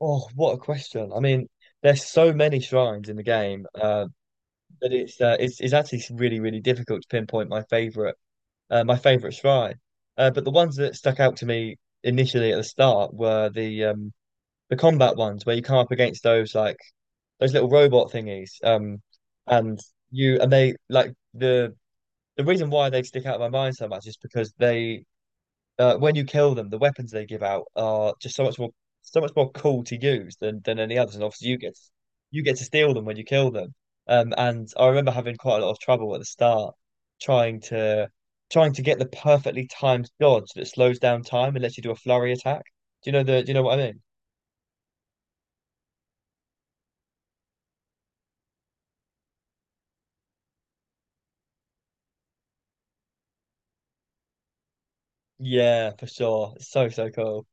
Oh, what a question. I mean, there's so many shrines in the game that it's actually really, really difficult to pinpoint my favorite shrine. But the ones that stuck out to me initially at the start were the combat ones where you come up against those like those little robot thingies. And you and they like the reason why they stick out of my mind so much is because they when you kill them, the weapons they give out are just so much more so much more cool to use than any others. And obviously, you get to steal them when you kill them. And I remember having quite a lot of trouble at the start trying to trying to get the perfectly timed dodge that slows down time and lets you do a flurry attack. Do you know the? Do you know what I mean? Yeah, for sure. It's so so cool.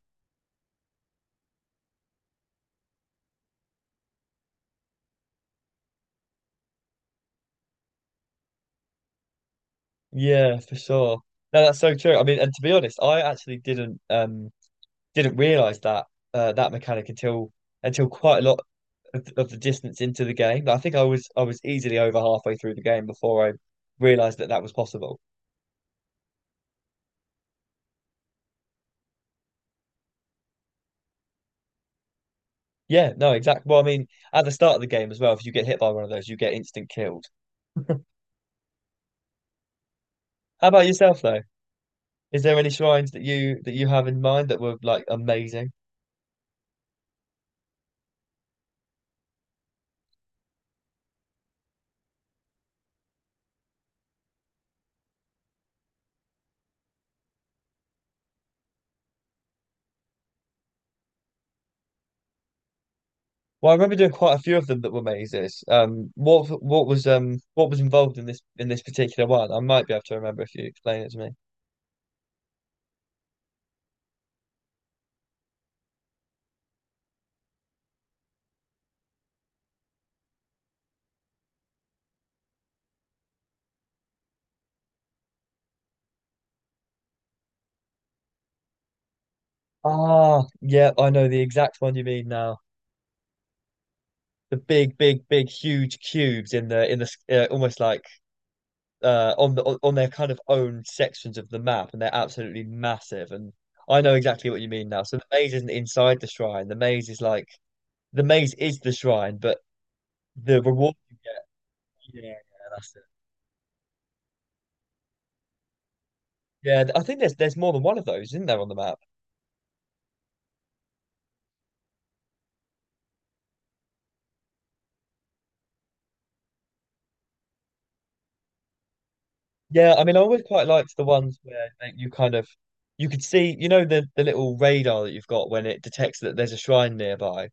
Yeah, for sure. No, that's so true. I mean, and to be honest, I actually didn't realize that that mechanic until quite a lot of the distance into the game. Like, I think I was easily over halfway through the game before I realized that that was possible. Yeah, no, exactly. Well, I mean, at the start of the game as well, if you get hit by one of those, you get instant killed. How about yourself though? Is there any shrines that you have in mind that were like amazing? Well, I remember doing quite a few of them that were mazes. What was what was involved in this particular one? I might be able to remember if you explain it to me. Ah, yeah, I know the exact one you mean now. The big, big, big, huge cubes in the almost like on the on their kind of own sections of the map, and they're absolutely massive. And I know exactly what you mean now. So the maze isn't inside the shrine. The maze is like the maze is the shrine, but the reward. Yeah, yeah, that's it. Yeah, I think there's more than one of those, isn't there, on the map? Yeah, I mean, I always quite liked the ones where like, you kind of you could see, you know, the little radar that you've got when it detects that there's a shrine nearby.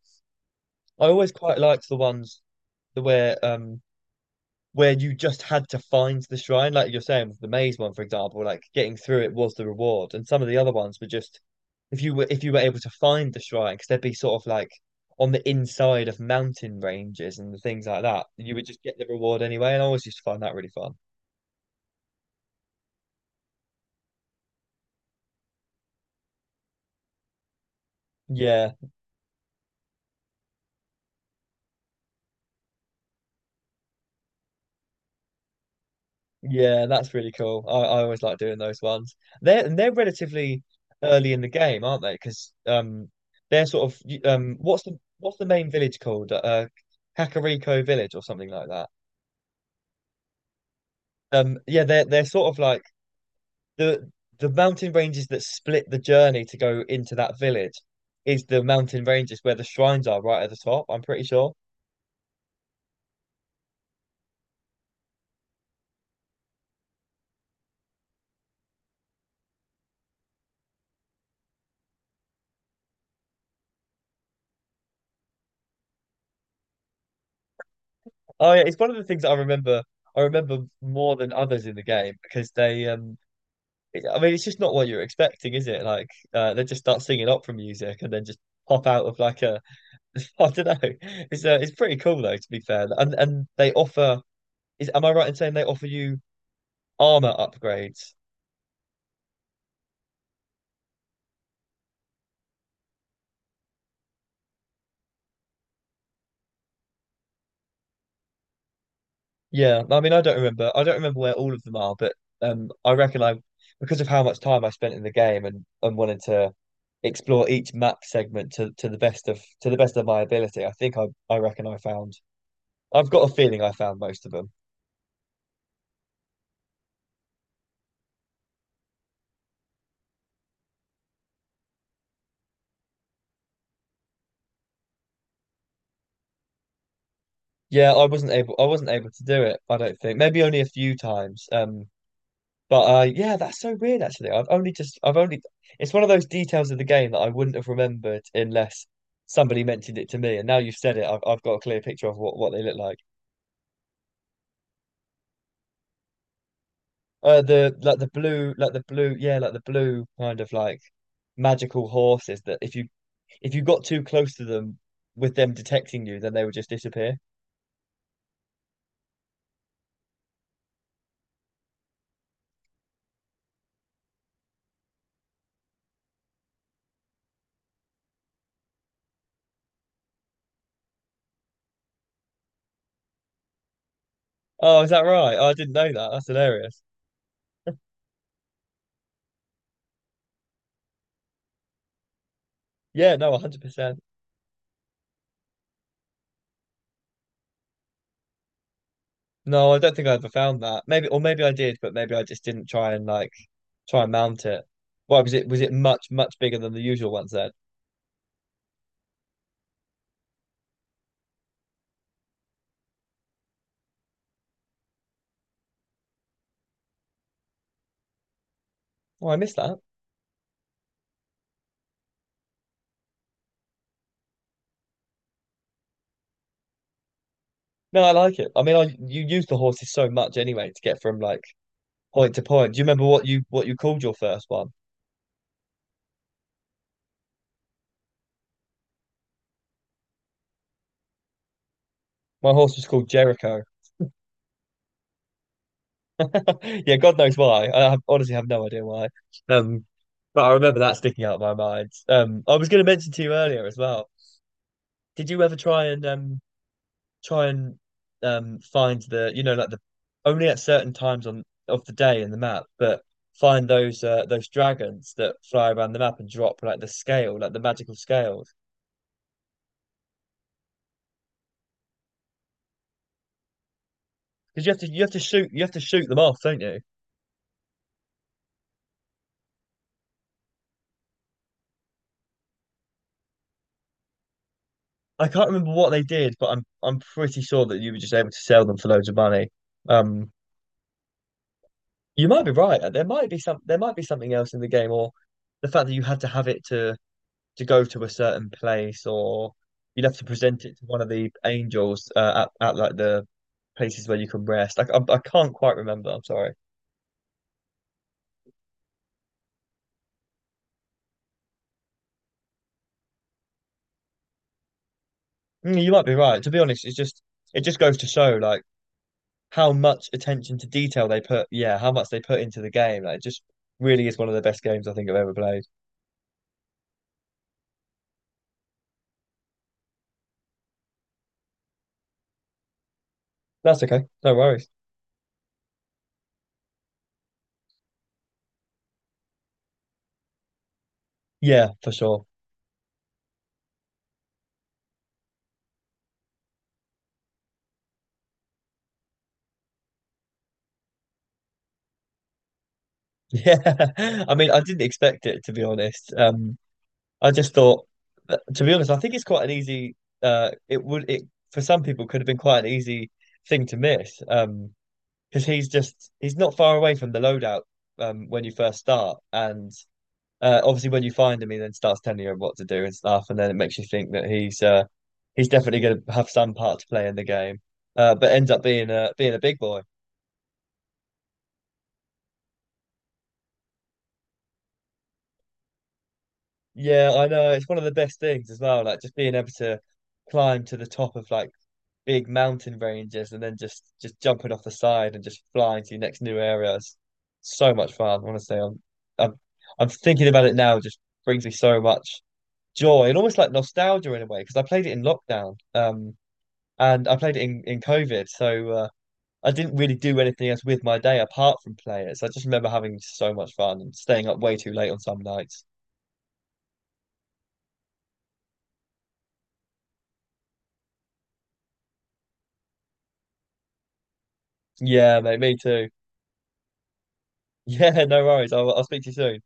I always quite liked the ones the where you just had to find the shrine, like you're saying with the maze one, for example, like getting through it was the reward, and some of the other ones were just if you were able to find the shrine, because they'd be sort of like on the inside of mountain ranges and things like that, you would just get the reward anyway, and I always used to find that really fun. Yeah, yeah, that's really cool. I always like doing those ones. They're relatively early in the game, aren't they? Because they're sort of what's the main village called? Kakariko Village or something like that. Yeah, they're sort of like the the mountain ranges that split the journey to go into that village is the mountain ranges where the shrines are right at the top, I'm pretty sure. Oh yeah, it's one of the things that I remember more than others in the game because I mean it's just not what you're expecting, is it? Like they just start singing opera music and then just pop out of like a I don't know. It's pretty cool though to be fair. And they offer is am I right in saying they offer you armor upgrades? Yeah, I mean, I don't remember. I don't remember where all of them are, but I reckon because of how much time I spent in the game and wanted to explore each map segment to to the best of my ability, I think I reckon I found. I've got a feeling I found most of them. I wasn't able to do it. I don't think. Maybe only a few times. But yeah, that's so weird. Actually, I've only just. I've only. It's one of those details of the game that I wouldn't have remembered unless somebody mentioned it to me. And now you've said it, I've got a clear picture of what they look like. The the blue, yeah, like the blue kind of like magical horses that if you got too close to them with them detecting you, then they would just disappear. Oh, is that right? Oh, I didn't know that. That's hilarious. Yeah, no, 100%. No, I don't think I ever found that. Maybe, or maybe I did, but maybe I just didn't try and like try and mount it. Why was it much much bigger than the usual ones then? Oh, I missed that. No, I like it. I mean, I you use the horses so much anyway to get from like point to point. Do you remember what you called your first one? My horse was called Jericho. Yeah, God knows why. I have, honestly have no idea why. Um, but I remember that sticking out of my mind. I was going to mention to you earlier as well. Did you ever try and find the you know like the only at certain times on of the day in the map, but find those dragons that fly around the map and drop like the scale, like the magical scales? Because you have to shoot them off, don't you? I can't remember what they did, but I'm pretty sure that you were just able to sell them for loads of money. Um, You might be right. There might be some there might be something else in the game, or the fact that you had to have it to go to a certain place, or you'd have to present it to one of the angels at like the places where you can rest. Like I can't quite remember. I'm sorry. Mm, you might be right. To be honest, it's just it just goes to show like how much attention to detail they put. Yeah, how much they put into the game. Like, it just really is one of the best games I think I've ever played. That's okay. No worries. Yeah, for sure. Yeah. I mean, I didn't expect it to be honest. I just thought, to be honest, I think it's quite an easy. It for some people could have been quite an easy thing to miss. Because he's not far away from the loadout. When you first start, and obviously when you find him, he then starts telling you what to do and stuff, and then it makes you think that he's definitely going to have some part to play in the game. But ends up being a big boy. Yeah, I know it's one of the best things as well. Like just being able to climb to the top of like big mountain ranges and then just jumping off the side and just flying to your next new areas. So much fun, honestly. I'm I'm thinking about it now, just brings me so much joy and almost like nostalgia in a way, because I played it in lockdown. And I played it in COVID. So I didn't really do anything else with my day apart from play it. So I just remember having so much fun and staying up way too late on some nights. Yeah, mate, me too. Yeah, no worries. I'll speak to you soon.